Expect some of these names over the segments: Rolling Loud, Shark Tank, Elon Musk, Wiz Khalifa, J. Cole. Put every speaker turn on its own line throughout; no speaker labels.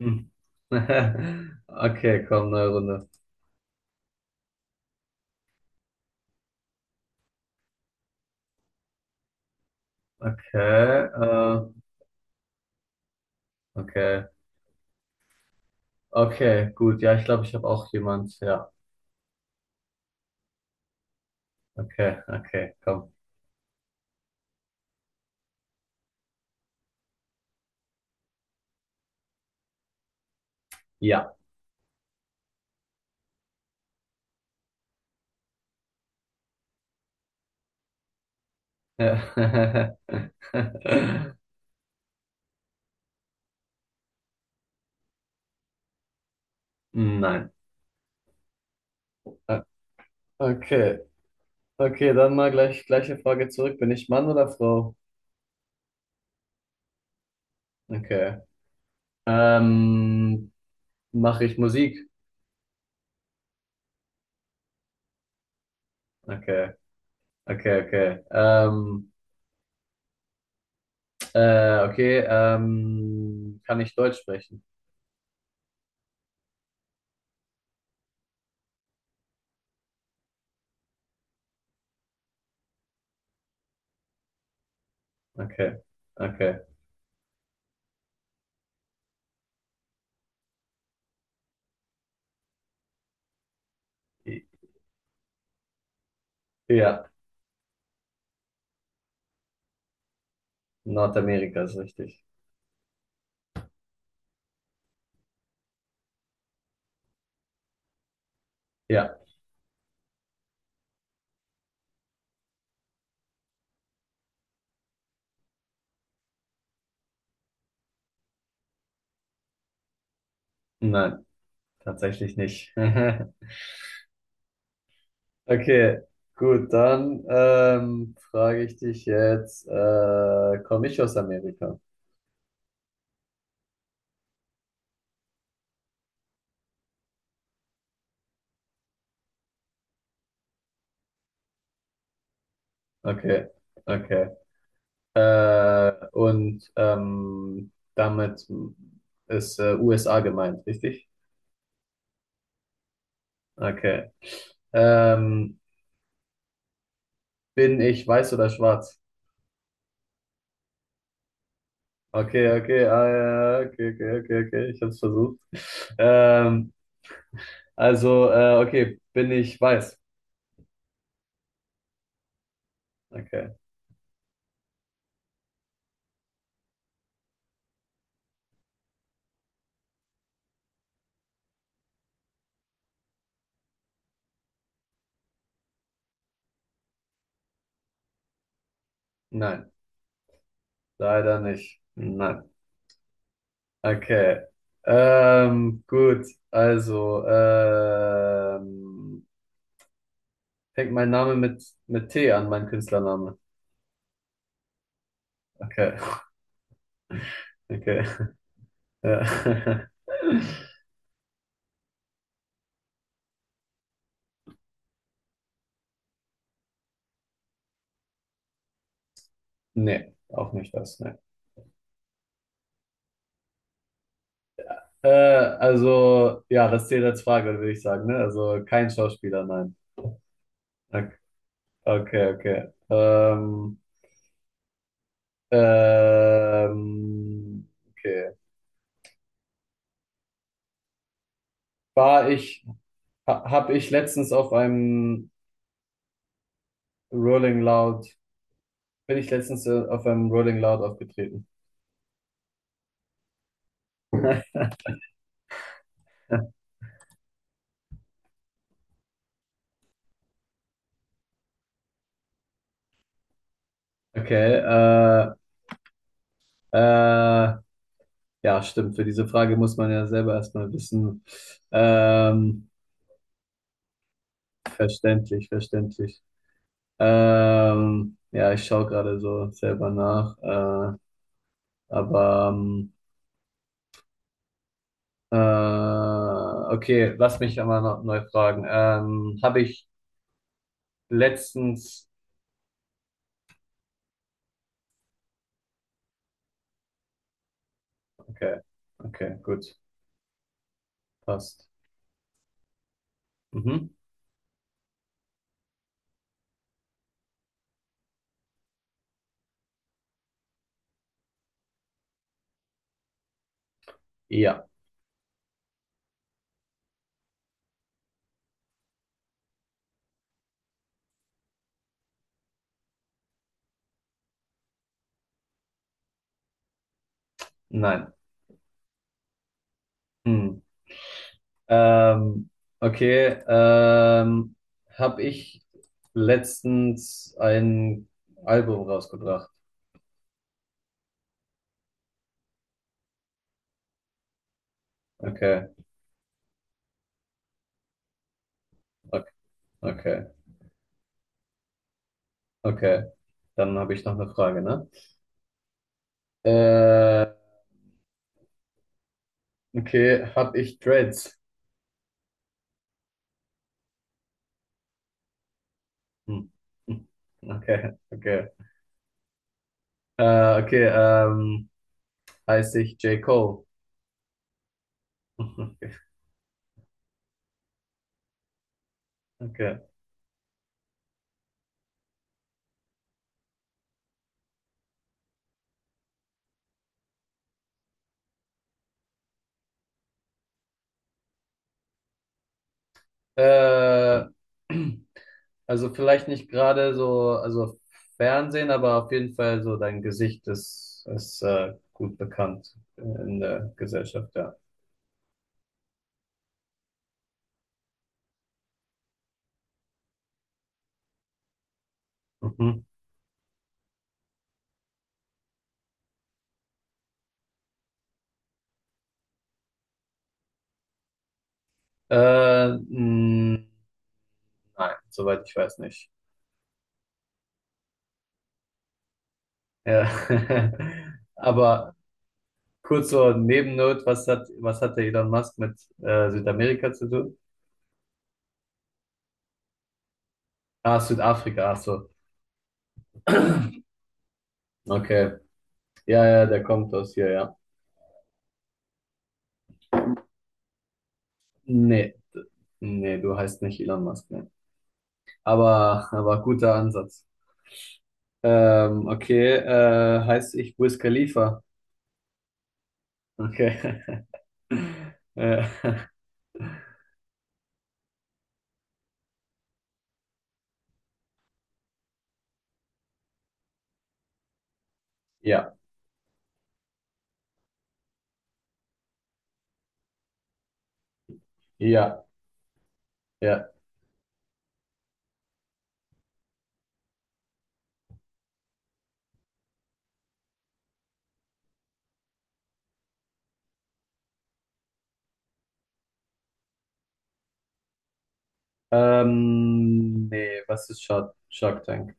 Hm. Okay, komm, neue Runde. Okay, okay, okay, gut. Ja, ich glaube, ich habe auch jemand. Ja, okay, okay, komm. Ja. Nein. Äh, Okay, okay, dann mal gleiche Frage zurück. Bin ich Mann oder Frau? Okay. Ähm, mache ich Musik? Okay, okay, okay. Okay, kann ich Deutsch sprechen? Okay, okay. Ja, Nordamerika ist richtig. Ja, nein, tatsächlich nicht. Okay, gut, dann frage ich dich jetzt, komme ich aus Amerika? Okay, okay. Und damit ist USA gemeint, richtig? Okay. Ähm, bin ich weiß oder schwarz? Okay, okay, ah, ja, ja, okay, okay, okay, okay, ich hab's versucht. Ähm, Also, okay, bin ich weiß? Okay. Nein, leider nicht. Nein. Okay. Gut, also, ähm, fängt mein Name mit T an, mein Künstlername. Okay, okay. Ja. Nee, auch nicht das, ne. Also, ja, das zählt als Frage, würde ich sagen, ne? Also kein Schauspieler, nein. Okay, okay. Okay. Okay. war ich, habe ich letztens auf einem Rolling Loud, bin ich letztens auf einem Rolling Loud aufgetreten. Okay, äh, ja, stimmt. Für diese Frage muss man ja selber erstmal wissen. Ähm, verständlich, verständlich. Ja, ich schaue gerade so selber nach. Aber äh, okay, lass mich einmal noch neu fragen. Habe ich letztens. Okay, okay, gut, passt. Mhm. Ja, nein. Hm. Ähm, okay, habe ich letztens ein Album rausgebracht. Okay, okay, okay, okay. Dann habe ich noch eine Frage, ne? Äh, okay, habe ich Dreads? Hm. Hm. Okay, okay. Okay, heiße ich J. Cole? Okay, okay. Äh, also vielleicht nicht gerade so, also Fernsehen, aber auf jeden Fall so dein Gesicht ist, ist gut bekannt in der Gesellschaft, ja. Mhm. Äh, mh, nein, soweit ich weiß nicht. Ja. Aber kurz so Nebennot, was hatte Elon Musk mit Südamerika zu tun? Ah, Südafrika, ach so. Okay. Ja, ja, der kommt aus hier, ja. Nee, d- nee, du heißt nicht Elon Musk, ne? Aber guter Ansatz. Okay, heißt ich Wiz Khalifa. Okay. Äh, ja, ja, ja. Nee, was ist Shark Tank?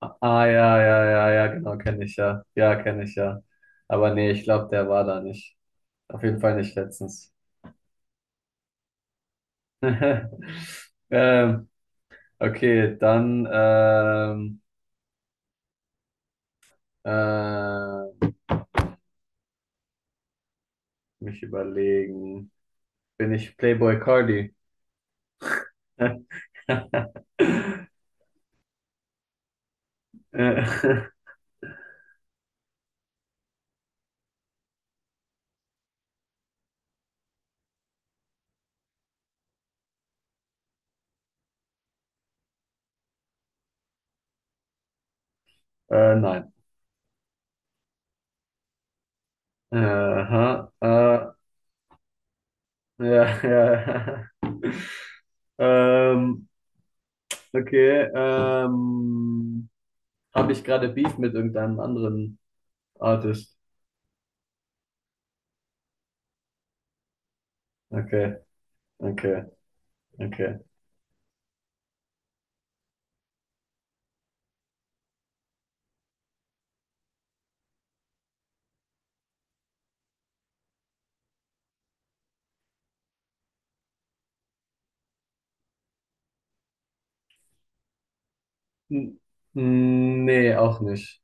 Ah, ah, ja, ja, ja, ja, genau, kenne ich ja. Ja, kenne ich ja. Aber nee, ich glaube, der war da nicht. Auf jeden Fall nicht letztens. Ähm, okay, dann äh, mich überlegen. Bin ich Playboy Cardi? äh, äh, nein. Äh, aha, äh, ja, ja. Ähm, okay. Habe ich gerade Beef mit irgendeinem anderen Artist? Okay, okay, okay. N nee, auch nicht.